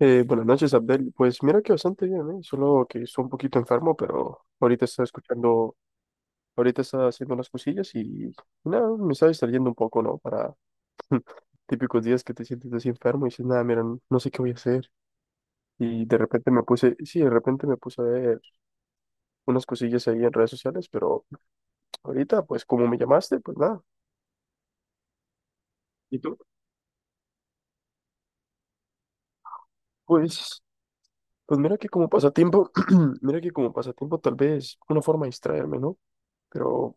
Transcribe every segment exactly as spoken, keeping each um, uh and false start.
Eh, buenas noches, Abdel. Pues mira que bastante bien, ¿eh? Solo que estoy un poquito enfermo, pero ahorita está escuchando, ahorita está haciendo unas cosillas y nada, me está distrayendo un poco, ¿no? Para típicos días que te sientes así enfermo y dices, nada, mira, no no sé qué voy a hacer. Y de repente me puse, sí, de repente me puse a ver unas cosillas ahí en redes sociales, pero ahorita, pues como me llamaste, pues nada. ¿Y tú? Pues, pues mira que como pasatiempo, mira que como pasatiempo tal vez una forma de distraerme, ¿no? Pero...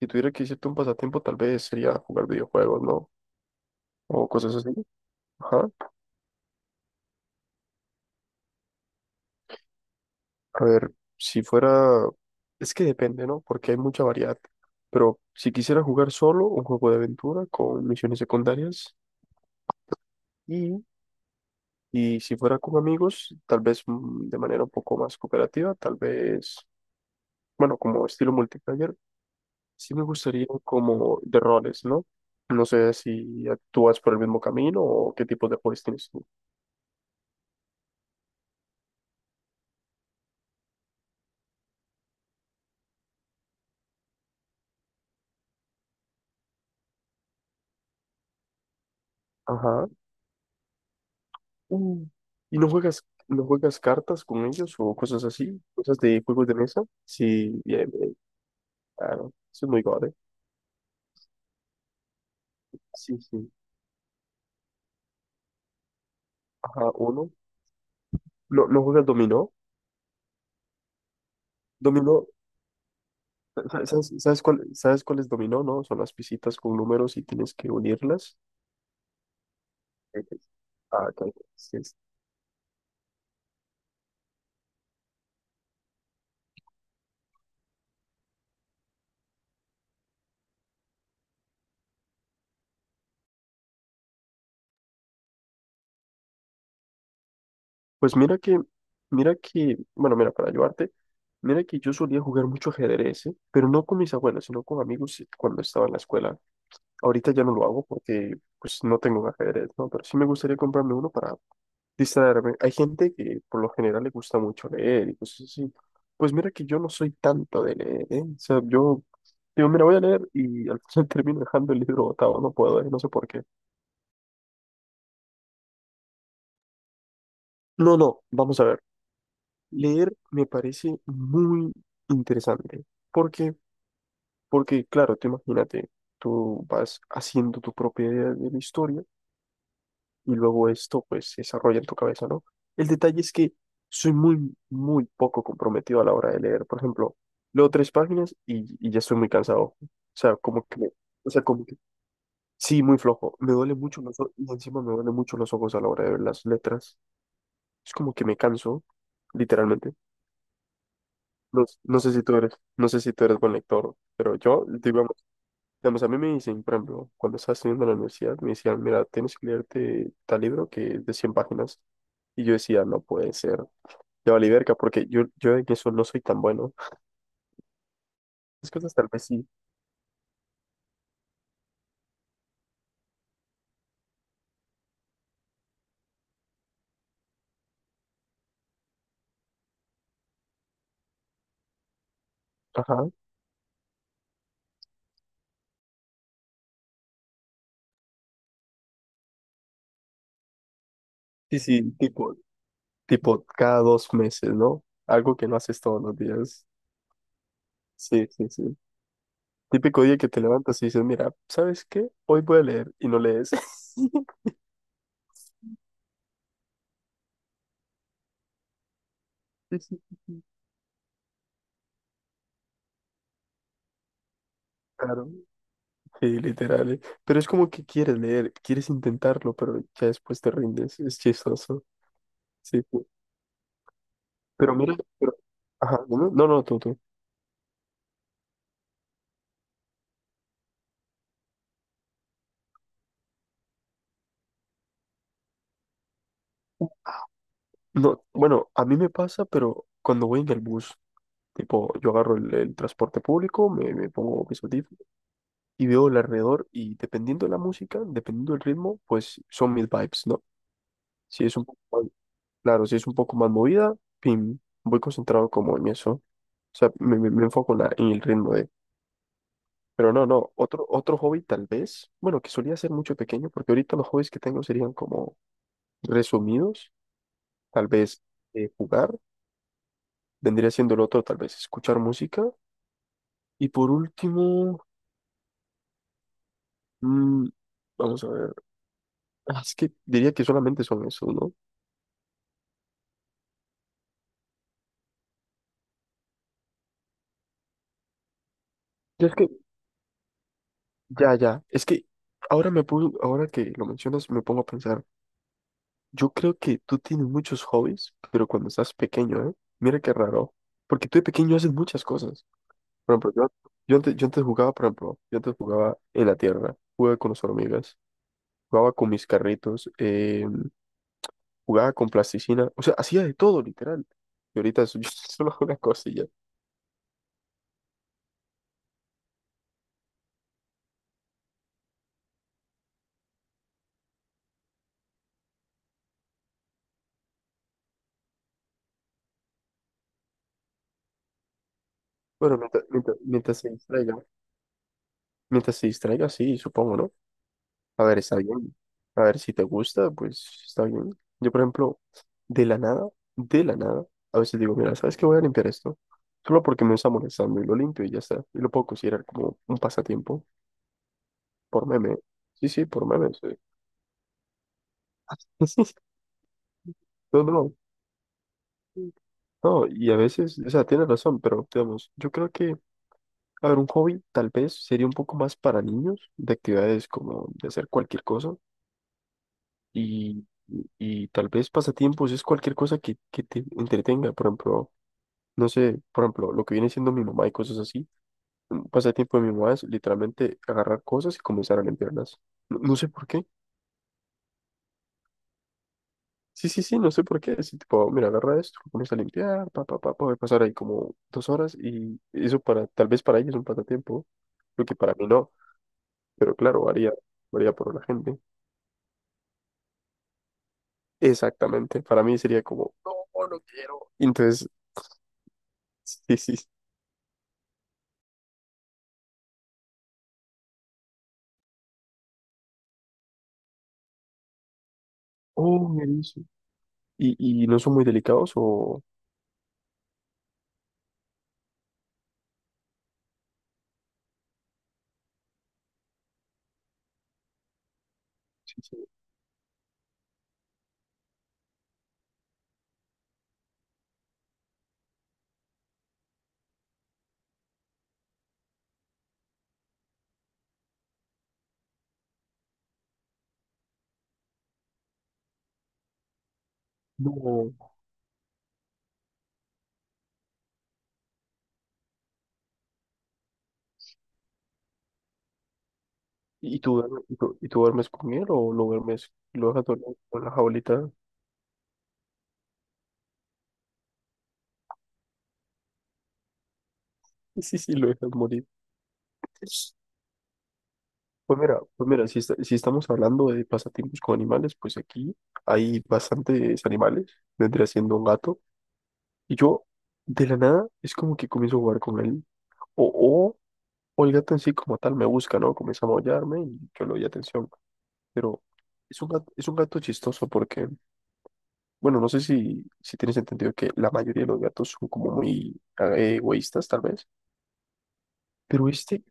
Si tuviera que decirte un pasatiempo, tal vez sería jugar videojuegos, ¿no? O cosas así. Ajá. A ver, si fuera... Es que depende, ¿no? Porque hay mucha variedad. Pero si quisiera jugar solo, un juego de aventura con misiones secundarias. Y, y si fuera con amigos, tal vez mm, de manera un poco más cooperativa, tal vez, bueno, como estilo multiplayer, sí me gustaría como de roles, ¿no? No sé si actúas por el mismo camino o qué tipos de roles tienes tú. Ajá. Mm. ¿Y no juegas, no juegas cartas con ellos o cosas así? ¿Cosas de juegos de mesa? Sí, bien, bien, claro. Eso es muy gore. Sí, sí. Ajá, uno. ¿No, no juegas dominó? Dominó, sa- ¿sabes, sabes cuál, sabes cuál es dominó, no? Son las pisitas con números y tienes que unirlas. Ejé. Ah, ok, sí, sí. Pues mira que, mira que, bueno, mira, para ayudarte, mira que yo solía jugar mucho ajedrez, ¿eh? Pero no con mis abuelos, sino con amigos cuando estaba en la escuela. Ahorita ya no lo hago porque pues no tengo un ajedrez, ¿no? Pero sí me gustaría comprarme uno para distraerme. Hay gente que por lo general le gusta mucho leer y cosas así. Pues mira que yo no soy tanto de leer, ¿eh? O sea, yo digo, mira, voy a leer y al final termino dejando el libro botado, no puedo, ¿eh? No sé por qué. No, no, vamos a ver. Leer me parece muy interesante. ¿Por qué? Porque, claro, tú imagínate, tú vas haciendo tu propia idea de la historia y luego esto pues se desarrolla en tu cabeza, ¿no? El detalle es que soy muy, muy poco comprometido a la hora de leer. Por ejemplo, leo tres páginas y, y ya estoy muy cansado. O sea, como que, o sea, como que, sí, muy flojo. Me duele mucho los ojos y encima me duele mucho los ojos a la hora de ver las letras. Es como que me canso, literalmente. No, no sé si tú eres, no sé si tú eres buen lector, pero yo, digo digamos, a mí me dicen, por ejemplo, cuando estaba estudiando en la universidad, me decían, mira, tienes que leerte tal libro que es de cien páginas. Y yo decía, no puede ser. Ya valí verga, porque yo, yo en eso no soy tan bueno. Es cosas tal vez sí. Ajá. Sí, sí, tipo, tipo cada dos meses, ¿no? Algo que no haces todos los días. Sí, sí, sí. Típico día que te levantas y dices, mira, ¿sabes qué? Hoy voy a leer y no lees. Sí, sí, sí, sí. Claro. Sí, literal. eh. Pero es como que quieres leer, quieres intentarlo, pero ya después te rindes. Es chistoso. Sí. pu- Pero mira, pero... Ajá, no, no, no, tú, tú. No, bueno, a mí me pasa, pero cuando voy en el bus, tipo, yo agarro el, el transporte público, me, me pongo mis audífonos y veo el alrededor y dependiendo de la música, dependiendo del ritmo, pues son mis vibes, ¿no? Si es un poco más- claro, si es un poco más movida, pim, voy concentrado como en eso. O sea, me, me, me enfoco en, la- en el ritmo de. Pero no, no, otro, otro hobby tal vez, bueno, que solía ser mucho pequeño, porque ahorita los hobbies que tengo serían como resumidos, tal vez eh, jugar, vendría siendo el otro, tal vez escuchar música, y por último, mm, vamos a ver, ah, es que diría que solamente son esos, ¿no? Yo es que, ya, ya, es que ahora me pongo, ahora que lo mencionas, me pongo a pensar, yo creo que tú tienes muchos hobbies, pero cuando estás pequeño, ¿eh? Mira qué raro, porque tú de pequeño haces muchas cosas. Por ejemplo, yo, yo, antes, yo antes jugaba, por ejemplo, yo antes jugaba en la tierra, jugaba con las hormigas, jugaba con mis carritos, eh, jugaba con plasticina, o sea, hacía de todo, literal. Y ahorita so- yo solo hago una cosilla. Bueno, mientras, mientras, mientras se distraiga, mientras se distraiga, sí, supongo, ¿no? A ver, está bien. A ver, si te gusta, pues está bien. Yo, por ejemplo, de la nada, de la nada, a veces digo, mira, ¿sabes qué? Voy a limpiar esto. Solo porque me está molestando y lo limpio y ya está. Y lo puedo considerar como un pasatiempo. Por meme. Sí, sí, por meme, sí. No, no. No, y a veces, o sea, tienes razón, pero digamos, yo creo que, a ver, un hobby tal vez sería un poco más para niños, de actividades como de hacer cualquier cosa, y, y, y tal vez pasatiempos es cualquier cosa que, que te entretenga, por ejemplo, no sé, por ejemplo, lo que viene siendo mi mamá y cosas así, un pasatiempo de mi mamá es literalmente agarrar cosas y comenzar a limpiarlas. No, no sé por qué. Sí, sí, sí, no sé por qué. Así tipo, mira, agarra esto, lo pones a limpiar, pa, pa, pa, puede pasar ahí como dos horas y eso para, tal vez para ella es un pasatiempo, lo que para mí no, pero claro, varía, varía por la gente. Exactamente, para mí sería como, no, no quiero. Entonces, sí, sí, sí. Oh, me dice. ¿Y, y no son muy delicados o...? Sí, sí. No. ¿Y tú, duermes- y tú, y tú duermes con él o lo duermes, lo dejas dormir con la jaulita? Sí, sí, sí, lo dejas morir. Pues mira, pues mira, si, esta- si estamos hablando de pasatiempos con animales, pues aquí hay bastantes animales, vendría siendo un gato, y yo de la nada es como que comienzo a jugar con él, o, o, o el gato en sí como tal me busca, ¿no? Comienza a maullarme y yo le doy atención, pero es un gato, es un gato chistoso porque, bueno, no sé si, si tienes entendido que la mayoría de los gatos son como muy eh, egoístas tal vez, pero este.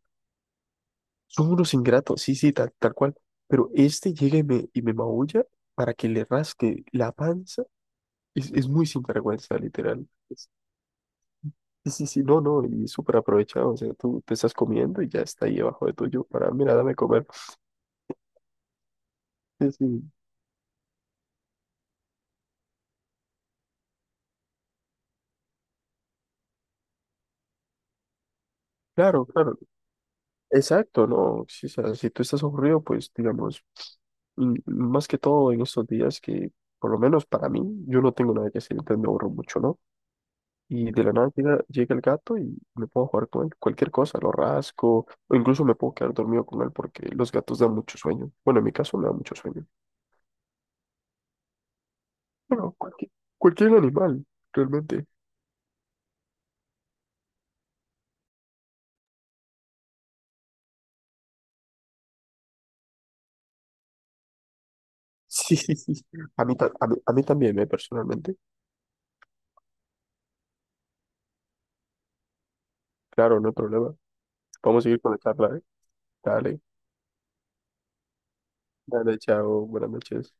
Son unos ingratos, sí, sí, tal, tal cual. Pero este llega y me, y me, maulla para que le rasque la panza. Es, es muy sinvergüenza, literal. Es- sí, sí, sí, no, no, y súper aprovechado. O sea, tú te estás comiendo y ya está ahí abajo de tuyo para, mira, dame comer. Sí, sí. Claro, claro. Exacto, no. Sí, o sea, si tú estás aburrido, pues, digamos, mm, más que todo en estos días que, por lo menos para mí, yo no tengo nada que hacer, entonces me aburro mucho, ¿no? Y de la nada llega, llega el gato y me puedo jugar con él. Cualquier cosa, lo rasco, o incluso me puedo quedar dormido con él porque los gatos dan mucho sueño. Bueno, en mi caso me da mucho sueño. Bueno, cualquier, cualquier animal, realmente. Sí, sí, sí. Sí. A mí, ta- a mí, a mí también, ¿eh? Personalmente. Claro, no hay problema. Vamos a seguir con la charla, ¿eh? Dale, dale, chao, buenas noches.